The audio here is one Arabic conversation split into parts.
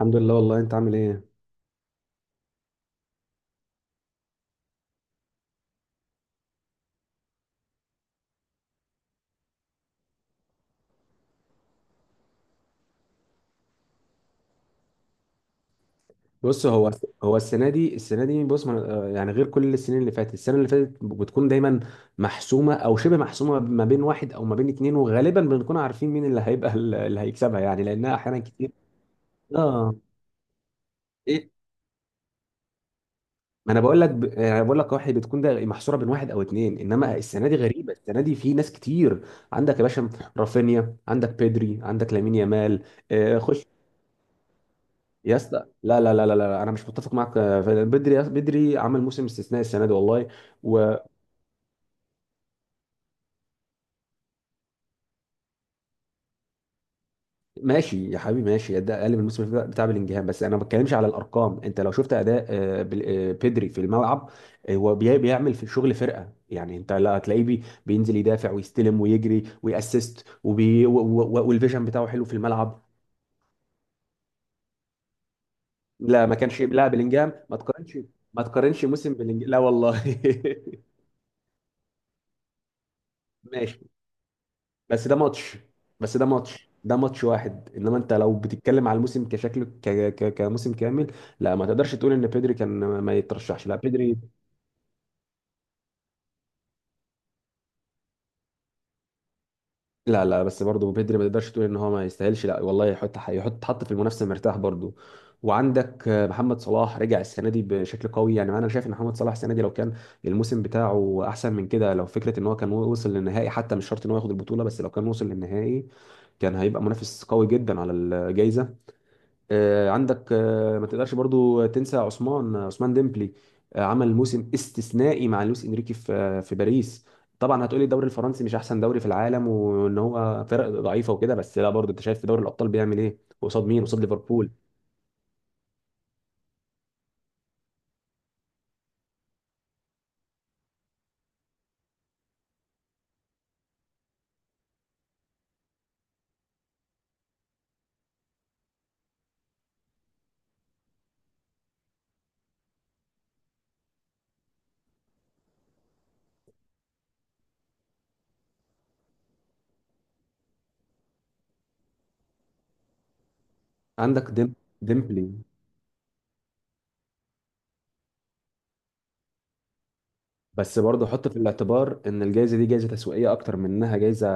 الحمد لله، والله انت عامل ايه؟ بص، هو السنه دي، السنه دي بص يعني غير كل السنين اللي فاتت. السنه اللي فاتت بتكون دايما محسومه او شبه محسومه ما بين واحد او ما بين اتنين، وغالبا بنكون عارفين مين اللي هيبقى اللي هيكسبها، يعني لانها احيانا كتير. اه. ايه. ما انا بقول لك يعني انا بقول لك واحد بتكون ده محصوره بين واحد او اتنين، انما السنه دي غريبه، السنه دي في ناس كتير. عندك يا باشا رافينيا، عندك بيدري، عندك لامين يامال. خش يا اسطى. لا لا لا لا لا، انا مش متفق معاك فعلا. بدري بدري عمل موسم استثنائي السنه دي والله. وماشي يا حبيبي، ماشي، ده اقل من الموسم بتاع بلينجهام، بس انا ما بتكلمش على الارقام. انت لو شفت اداء بدري في الملعب، هو بيعمل في شغل فرقه. يعني انت لا هتلاقيه بينزل يدافع ويستلم ويجري ويأسست وبي و- و- و- والفيجن بتاعه حلو في الملعب. لا، ما كانش لا بلينجهام، ما تقارنش. ما تقارنش موسم بلينجهام، لا والله ماشي، بس ده ماتش. ده ماتش واحد، انما انت لو بتتكلم على الموسم كشكل كموسم كامل. لا، ما تقدرش تقول ان بيدري كان ما يترشحش، لا، بيدري. لا لا، بس برضه بيدري ما تقدرش تقول ان هو ما يستاهلش، لا والله، يحط يحط حط في المنافسه مرتاح برضه. وعندك محمد صلاح رجع السنه دي بشكل قوي. يعني انا شايف ان محمد صلاح السنه دي لو كان الموسم بتاعه احسن من كده، لو فكره ان هو كان وصل للنهائي، حتى مش شرط ان هو ياخد البطوله، بس لو كان وصل للنهائي كان هيبقى منافس قوي جدا على الجائزه. عندك، ما تقدرش برضو تنسى عثمان، عثمان ديمبلي. عمل موسم استثنائي مع لويس انريكي في في باريس. طبعا هتقولي الدوري الفرنسي مش احسن دوري في العالم وان هو فرق ضعيفه وكده، بس لا، برضو انت شايف في دوري الابطال بيعمل ايه قصاد مين؟ قصاد ليفربول. عندك ديمبلي، بس برضه حط في الاعتبار ان الجائزه دي جائزه تسويقيه اكتر من انها جائزه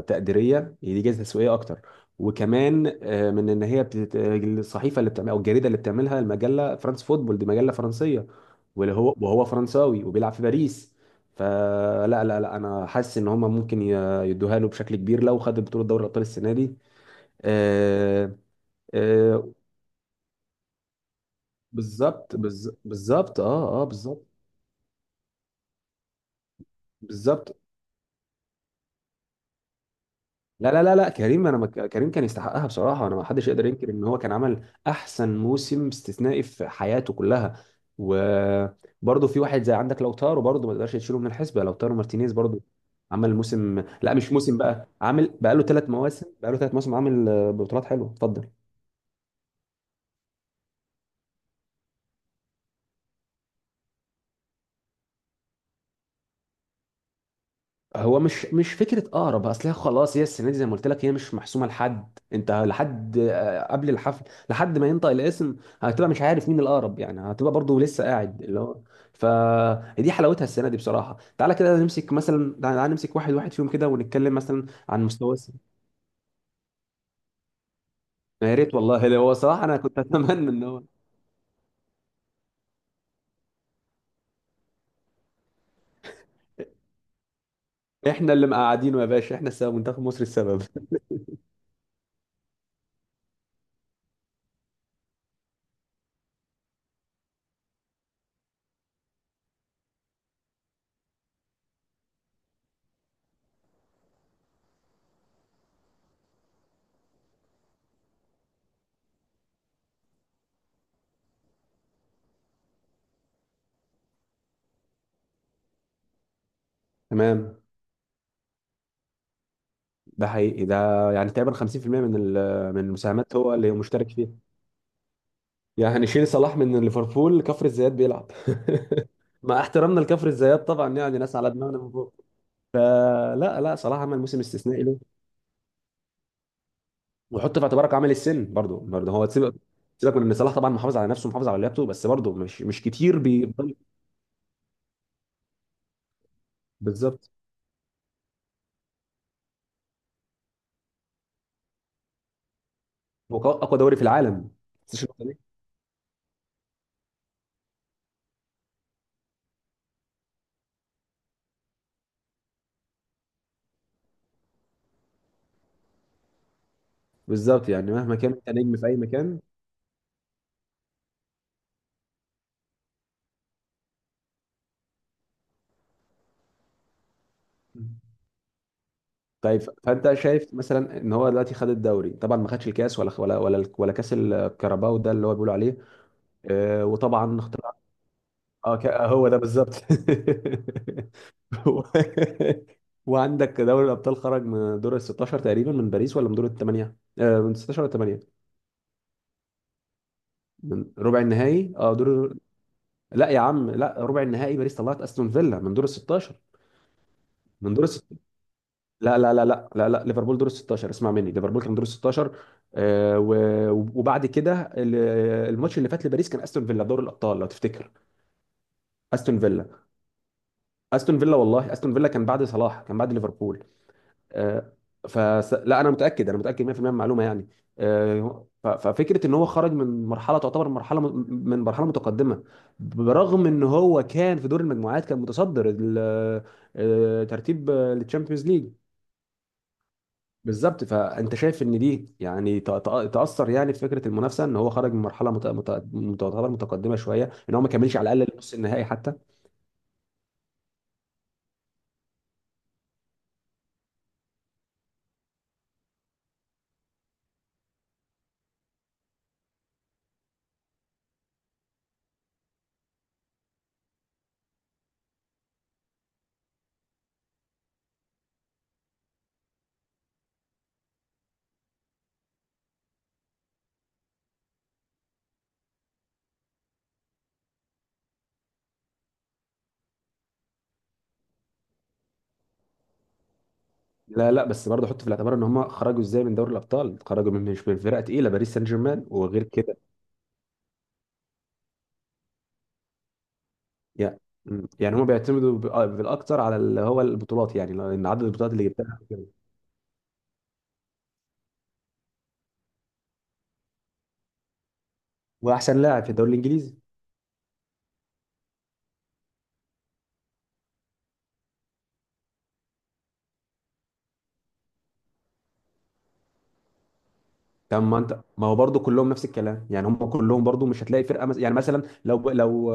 تقديريه. هي دي جائزه تسويقيه اكتر. وكمان من ان هي الصحيفه اللي بتعمل او الجريده اللي بتعملها، المجله، فرانس فوتبول دي مجله فرنسيه، واللي هو وهو فرنساوي وبيلعب في باريس. فلا لا لا لا، انا حاسس ان هم ممكن يدوها له بشكل كبير لو خد بطوله دوري الابطال السنه دي. آه، آه، بالظبط، بالظبط، اه اه بالظبط. بالظبط. لا لا لا لا، كريم، كريم كان يستحقها بصراحه. انا، ما حدش يقدر ينكر ان هو كان عمل احسن موسم استثنائي في حياته كلها. وبرضه في واحد زي عندك لوتارو، برضه ما تقدرش تشيله من الحسبه، لوتارو مارتينيز برضه عمل موسم، لا مش موسم، بقى عامل، بقى له 3 مواسم، عامل بطولات حلوه، اتفضل. هو مش فكره اقرب. اصل هي خلاص، هي السنه دي زي ما قلت لك، هي مش محسومه لحد انت، لحد قبل الحفل، لحد ما ينطق الاسم هتبقى مش عارف مين الاقرب. يعني هتبقى برضو لسه قاعد اللي هو. فدي حلاوتها السنه دي بصراحه. تعالى كده نمسك مثلا، تعالى نمسك واحد واحد فيهم كده ونتكلم مثلا عن مستوى السنة. يا ريت والله، لو هو صراحه انا كنت اتمنى ان هو. احنا اللي مقعدينه يا باشا، احنا السبب، منتخب مصر السبب تمام. ده حقيقي. ده يعني تقريبا 50% من من المساهمات هو اللي مشترك فيها. يعني هنشيل صلاح من ليفربول، كفر الزيات بيلعب. مع احترامنا لكفر الزيات طبعا، يعني ناس على دماغنا من فوق. آه، لا لا، صلاح عمل موسم استثنائي له. وحط في اعتبارك عامل السن برضو. برضو هو سيبك، سيبك من ان صلاح طبعا محافظ على نفسه، محافظ على لياقته، بس برضو مش كتير بيفضل. بالظبط. هو اقوى دوري في العالم. بس النقطة دي. بالظبط، يعني مهما كان انت نجم في اي مكان. طيب فانت شايف مثلا ان هو دلوقتي خد الدوري طبعا، ما خدش الكاس ولا ولا ولا ولا كاس الكاراباو ده اللي هو بيقولوا عليه. وطبعا. اه، هو ده بالظبط هو- وعندك دوري الابطال، خرج من دور ال 16 تقريبا من باريس، ولا من دور الثمانيه؟ آه، من 16 ولا 8؟ من ربع النهائي. اه دور. لا يا عم، لا، ربع النهائي باريس طلعت استون فيلا من دور ال 16. من دور الست... لا لا لا لا لا لا، ليفربول دور ال 16، اسمع مني، ليفربول كان دور ال 16. آه و... وبعد كده ال- الماتش اللي فات لباريس كان استون فيلا، دور الابطال لو تفتكر. استون فيلا. استون فيلا والله. استون فيلا كان بعد صلاح، كان بعد ليفربول. آه، لا، انا متاكد، انا متاكد 100% من المعلومه يعني. ففكره ان هو خرج من مرحله تعتبر مرحله، من مرحله متقدمه. برغم ان هو كان في دور المجموعات كان متصدر ترتيب التشامبيونز ليج. بالظبط، فانت شايف ان دي يعني تاثر يعني في فكره المنافسه ان هو خرج من مرحله تعتبر متقدمه شويه، ان هو ما كملش على الاقل نص النهائي حتى. لا لا، بس برضه حط في الاعتبار ان هم خرجوا ازاي من دوري الابطال، خرجوا من، مش من فرقه تقيله، باريس سان جيرمان، وغير كده. يع- مم. يعني هم بيعتمدوا بالاكتر على اللي هو البطولات، يعني لان عدد البطولات اللي جبتها وكده. واحسن لاعب في الدوري الانجليزي. طب ما انت، ما هو برضه كلهم نفس الكلام. يعني هم كلهم برضه مش هتلاقي فرقه مثلا. يعني مثلا لو لو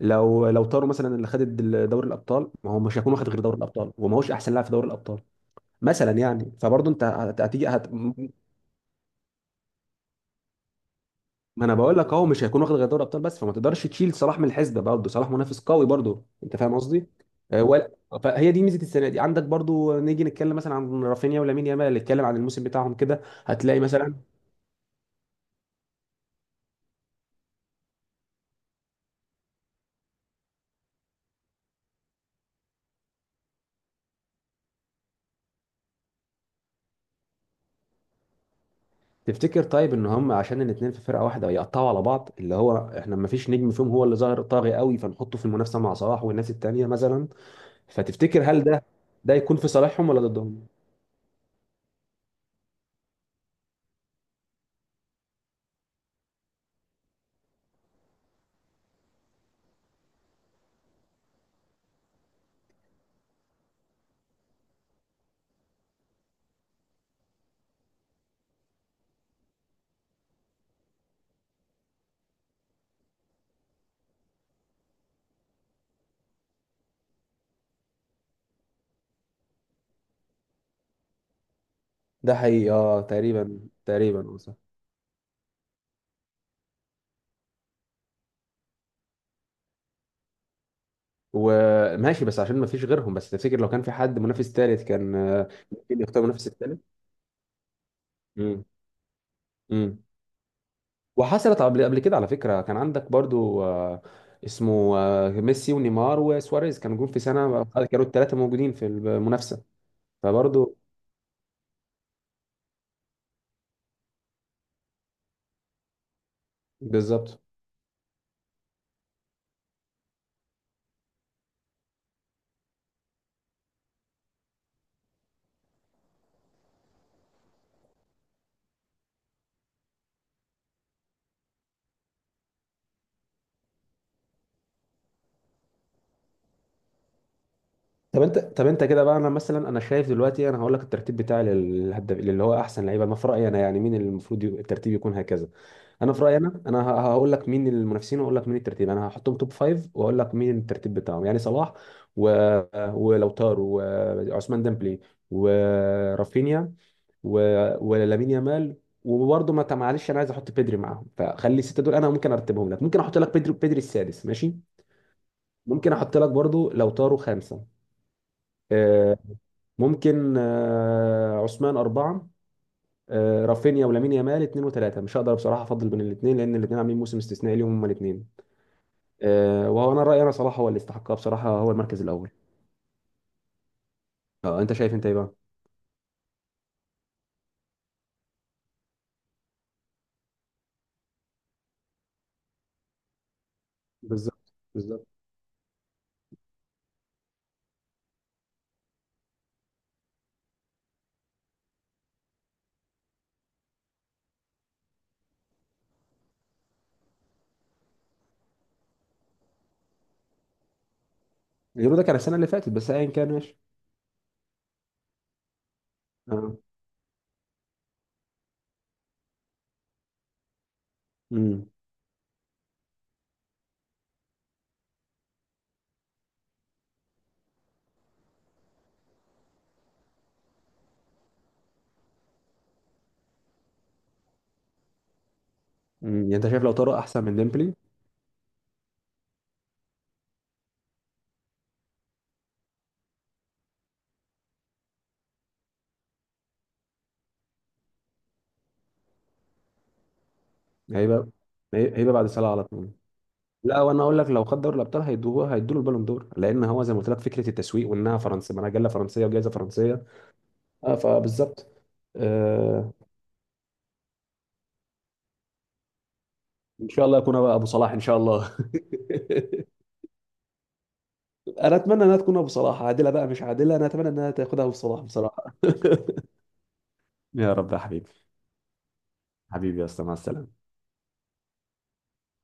لو لو طاروا مثلا، اللي خد دوري الابطال، ما هو مش هيكون واخد غير دوري الابطال وما هوش احسن لاعب في دوري الابطال مثلا. يعني فبرضه انت هتيجي هت... ما انا بقول لك اهو مش هيكون واخد غير دوري ابطال بس، فما تقدرش تشيل صلاح من الحسبه برضه، صلاح منافس قوي برضه، انت فاهم قصدي. ولا. فهي دي ميزه السنه دي. عندك برضه، نيجي نتكلم مثلا عن رافينيا ولامين يامال، نتكلم عن الموسم بتاعهم كده. هتلاقي مثلا. تفتكر طيب ان هم عشان الاثنين في فرقه واحده يقطعوا على بعض، اللي هو احنا ما فيش نجم فيهم هو اللي ظاهر طاغي قوي فنحطه في المنافسه مع صلاح والناس التانيه مثلا. فتفتكر هل ده ده يكون في صالحهم ولا ضدهم؟ ده حقيقي، اه، تقريبا. تقريبا. وماشي، بس عشان ما فيش غيرهم. بس تفتكر لو كان في حد منافس ثالث كان ممكن يختار منافس الثالث. امم. امم. وحصلت قبل كده على فكره. كان عندك برضو اسمه، ميسي ونيمار وسواريز كانوا جم في سنه. كانوا الثلاثه موجودين في المنافسه. فبرضو. بالظبط. طب انت، طب انت كده بقى، انا مثلا انا شايف دلوقتي. انا هقول لك الترتيب بتاعي للهدف اللي هو احسن لعيبه انا في رايي انا، يعني مين اللي المفروض يبقى، الترتيب يكون هكذا. انا في رايي انا، هقول لك مين المنافسين واقول لك مين الترتيب. انا هحطهم توب فايف واقول لك مين الترتيب بتاعهم. يعني صلاح و... ولوتار وعثمان ديمبلي ورافينيا و... ولامين يامال. وبرضه، ما معلش، انا عايز احط بيدري معاهم، فخلي السته دول. انا ممكن ارتبهم لك. ممكن احط لك بيدري، بيدري السادس ماشي. ممكن احط لك برضه لوتارو خامسه. آه، ممكن عثمان اربعه. رافينيا ولامين يامال اثنين وثلاثه، مش هقدر بصراحه افضل بين الاثنين، لان الاثنين عاملين موسم استثنائي ليهم هما الاثنين. وانا رايي انا، صلاح هو اللي استحقها بصراحه، هو المركز الاول. اه، انت شايف انت ايه بقى؟ بالظبط. بالظبط. اليورو ده كان السنه اللي فاتت، بس ايا كان، ماشي. اه. امم. أمم. يعني انت شايف لو طارق احسن من ديمبلي؟ هيبقى، هيبقى بعد صلاح على طول. لا، وانا اقول لك لو خد دوري الابطال هيدوه، هيدوا له البالون دور، لان هو زي ما قلت لك فكره التسويق وانها فرنسا، مجله فرنسيه وجائزه فرنسيه. اه، فبالظبط. آه. ان شاء الله يكون بقى ابو صلاح ان شاء الله انا اتمنى انها تكون ابو صلاح، عادله بقى مش عادله، انا اتمنى انها تاخدها ابو صلاح بصراحه يا رب يا حبيبي. حبيبي يا اسطى، مع السلامة.